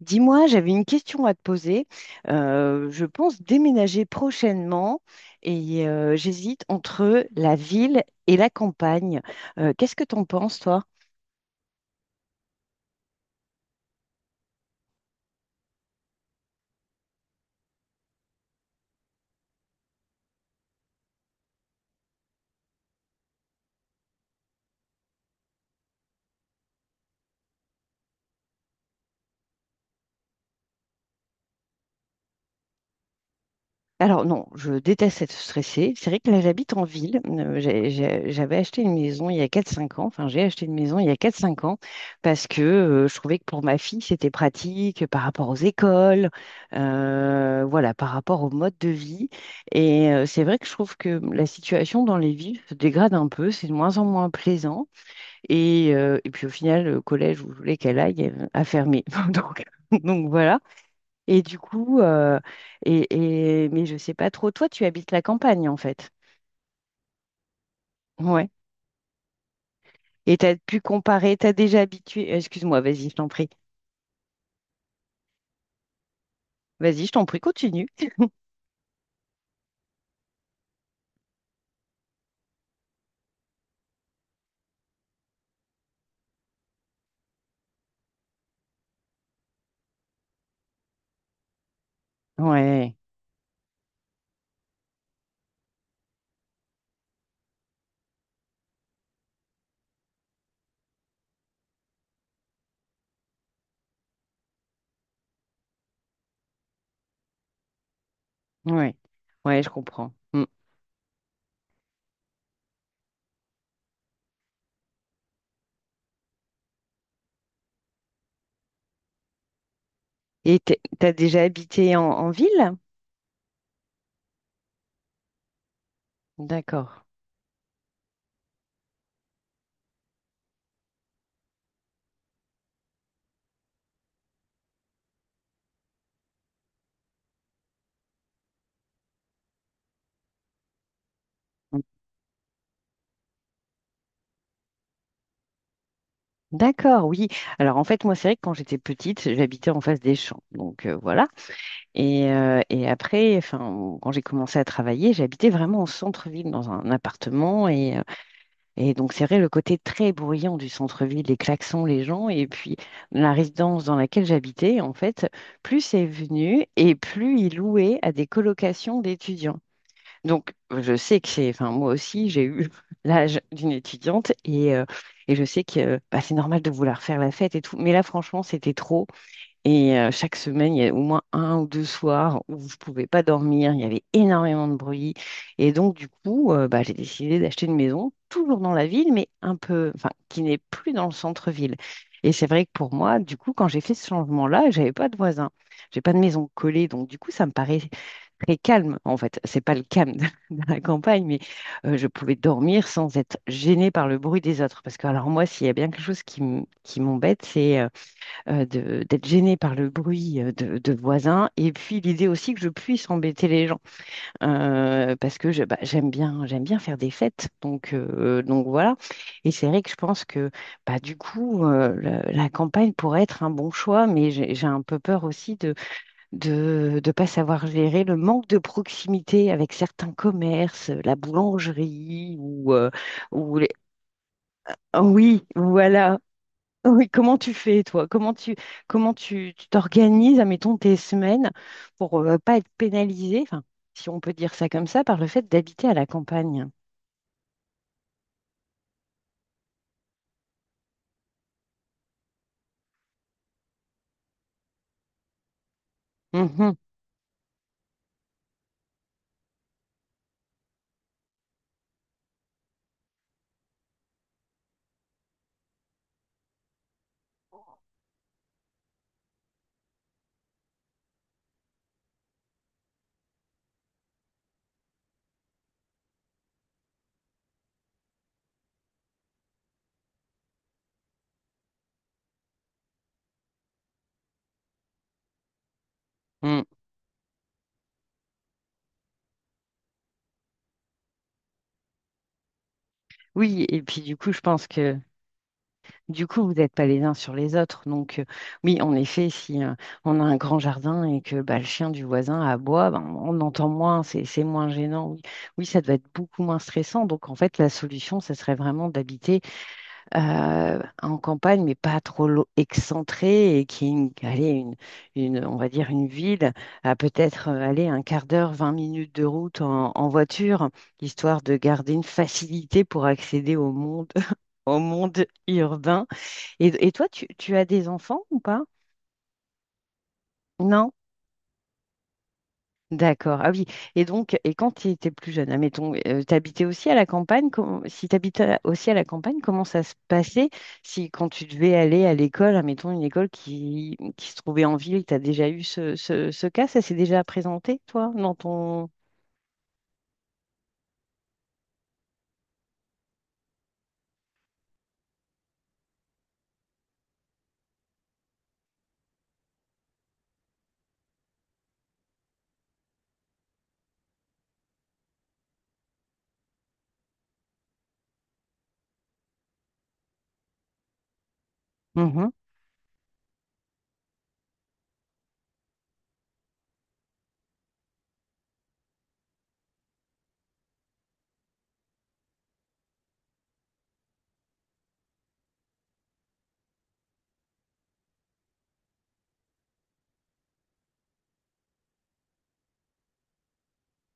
Dis-moi, j'avais une question à te poser. Je pense déménager prochainement et j'hésite entre la ville et la campagne. Qu'est-ce que t'en penses, toi? Alors non, je déteste être stressée. C'est vrai que là, j'habite en ville. J'avais acheté une maison il y a quatre cinq ans. Enfin, j'ai acheté une maison il y a quatre cinq ans parce que je trouvais que pour ma fille, c'était pratique par rapport aux écoles, voilà, par rapport au mode de vie. Et c'est vrai que je trouve que la situation dans les villes se dégrade un peu. C'est de moins en moins plaisant. Et puis au final, le collège où je voulais qu'elle aille a fermé. Donc, donc, voilà. Et du coup, mais je sais pas trop. Toi, tu habites la campagne, en fait. Ouais. Et tu as pu comparer, tu as déjà habitué. Excuse-moi, vas-y, je t'en prie. Vas-y, je t'en prie, continue. Ouais, ouais, ouais, je comprends. Mm. Et tu as déjà habité en ville? D'accord. Mm. D'accord, oui. Alors en fait, moi, c'est vrai que quand j'étais petite, j'habitais en face des champs. Donc voilà. Et après, enfin, quand j'ai commencé à travailler, j'habitais vraiment au centre-ville, dans un appartement. Et donc, c'est vrai, le côté très bruyant du centre-ville, les klaxons, les gens, et puis la résidence dans laquelle j'habitais, en fait, plus c'est venu et plus il louait à des colocations d'étudiants. Donc, je sais que c'est, enfin, moi aussi, j'ai eu l'âge d'une étudiante et je sais que bah, c'est normal de vouloir faire la fête et tout. Mais là, franchement, c'était trop. Et chaque semaine, il y a au moins un ou deux soirs où je ne pouvais pas dormir, il y avait énormément de bruit. Et donc, du coup, bah, j'ai décidé d'acheter une maison, toujours dans la ville, mais un peu, enfin, qui n'est plus dans le centre-ville. Et c'est vrai que pour moi, du coup, quand j'ai fait ce changement-là, j'avais pas de voisins, j'ai pas de maison collée, donc du coup, ça me paraît très calme. En fait, c'est pas le calme de de la campagne, mais je pouvais dormir sans être gênée par le bruit des autres. Parce que alors moi, s'il y a bien quelque chose qui m'embête, c'est d'être gênée par le bruit de voisins, et puis l'idée aussi que je puisse embêter les gens, parce que bah, j'aime bien faire des fêtes, donc, donc voilà. Et c'est vrai que je pense que bah, du coup, la campagne pourrait être un bon choix, mais j'ai un peu peur aussi de ne pas savoir gérer le manque de proximité avec certains commerces, la boulangerie ou les... Ah oui, voilà, oui, comment tu fais, toi? Comment tu t'organises, admettons, tes semaines pour pas être pénalisé, enfin, si on peut dire ça comme ça, par le fait d'habiter à la campagne. Mhm, mm. Oui, et puis du coup, je pense que du coup, vous n'êtes pas les uns sur les autres. Donc, oui, en effet, si on a un grand jardin et que bah, le chien du voisin aboie, ben, on entend moins, c'est moins gênant. Oui, oui, ça doit être beaucoup moins stressant. Donc, en fait, la solution, ça serait vraiment d'habiter en campagne, mais pas trop excentré, et qui est allez, on va dire une ville à peut-être aller un quart d'heure, 20 minutes de route en voiture, histoire de garder une facilité pour accéder au monde, au monde urbain. Et toi, tu as des enfants ou pas? Non? D'accord. Ah oui. Et donc, et quand tu étais plus jeune, admettons, t'habitais aussi à la campagne, si t'habitais aussi à la campagne, comment ça se passait si quand tu devais aller à l'école, admettons une école qui se trouvait en ville, tu as déjà eu ce cas, ça s'est déjà présenté, toi, dans ton... Mhm.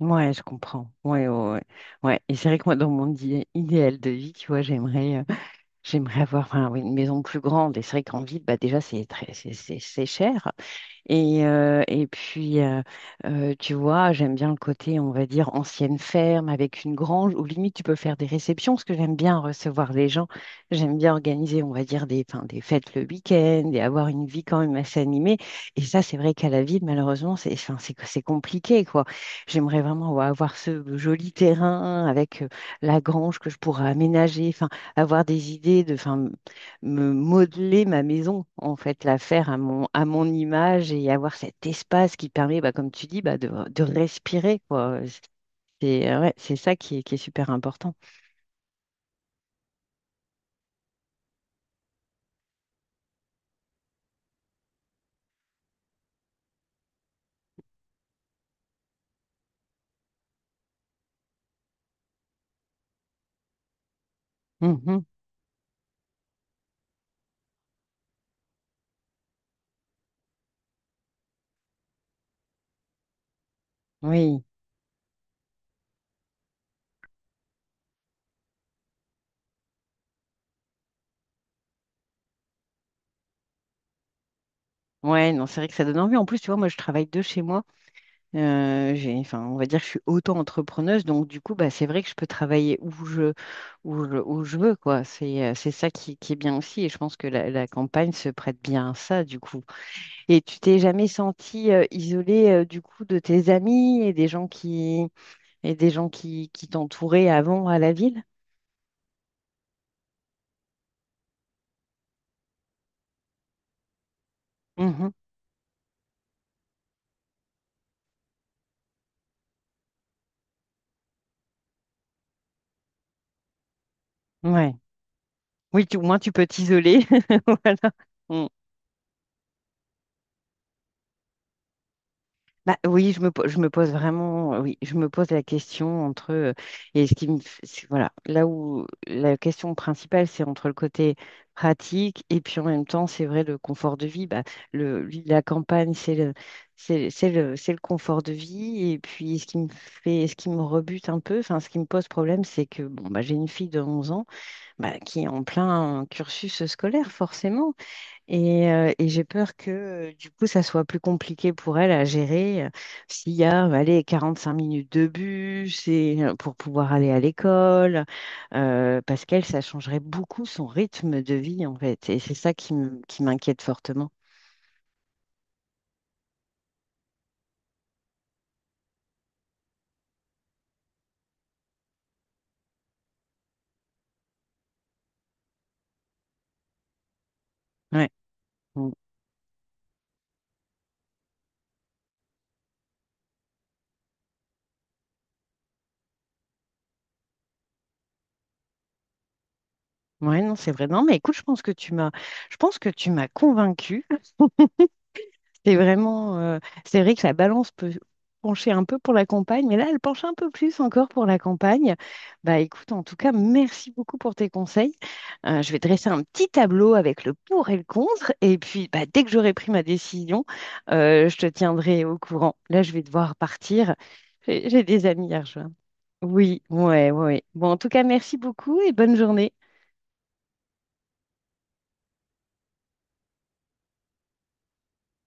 Ouais, je comprends. Ouais, ouais, ouais. Ouais. Et c'est vrai que moi, dans mon idéal de vie, tu vois, j'aimerais avoir enfin, oui, une maison plus grande. Et c'est vrai qu'en ville, bah, déjà, c'est très, c'est cher. Et puis, tu vois, j'aime bien le côté, on va dire, ancienne ferme avec une grange où limite tu peux faire des réceptions parce que j'aime bien recevoir les gens. J'aime bien organiser, on va dire, des, enfin, des fêtes le week-end et avoir une vie quand même assez animée. Et ça, c'est vrai qu'à la ville, malheureusement, c'est, enfin, c'est compliqué, quoi. J'aimerais vraiment ouais, avoir ce joli terrain avec la grange que je pourrais aménager, enfin, avoir des idées de, enfin, me modeler ma maison, en fait, la faire à mon image et avoir cet espace qui permet, bah, comme tu dis, bah, de respirer, quoi. C'est ouais, c'est ça qui est super important. Mhm. Oui, ouais, non, c'est vrai que ça donne envie. En plus, tu vois, moi, je travaille de chez moi. J'ai, enfin, on va dire que je suis auto-entrepreneuse, donc du coup, bah, c'est vrai que je peux travailler où je veux, quoi. C'est ça qui est bien aussi, et je pense que la campagne se prête bien à ça, du coup. Et tu t'es jamais sentie isolée, du coup, de tes amis et des gens qui t'entouraient avant à la ville? Mhm. Ouais. Oui, au moins tu peux t'isoler. Voilà. Mmh. Bah, oui, je me pose vraiment, oui, je me pose la question entre, et ce qui me, f- c'est- voilà, là où la question principale, c'est entre le côté pratique et puis en même temps, c'est vrai, le confort de vie, bah, la campagne, c'est le confort de vie. Et puis, ce qui me rebute un peu, enfin, ce qui me pose problème, c'est que, bon, bah, j'ai une fille de 11 ans, bah, qui est en plein cursus scolaire, forcément. Et j'ai peur que du coup, ça soit plus compliqué pour elle à gérer s'il y a, allez, 5 minutes de bus et pour pouvoir aller à l'école, parce qu'elle, ça changerait beaucoup son rythme de vie, en fait. Et c'est ça qui m'inquiète fortement. Ouais. Mm. Ouais, non, c'est vrai. Non, mais écoute, je pense que tu m'as convaincue. C'est vraiment, euh, c'est vrai que la balance peut pencher un peu pour la campagne, mais là, elle penche un peu plus encore pour la campagne. Bah, écoute, en tout cas, merci beaucoup pour tes conseils. Je vais dresser un petit tableau avec le pour et le contre, et puis bah, dès que j'aurai pris ma décision, je te tiendrai au courant. Là, je vais devoir partir. J'ai des amis à rejoindre. Oui, ouais, ouais. Bon, en tout cas, merci beaucoup et bonne journée.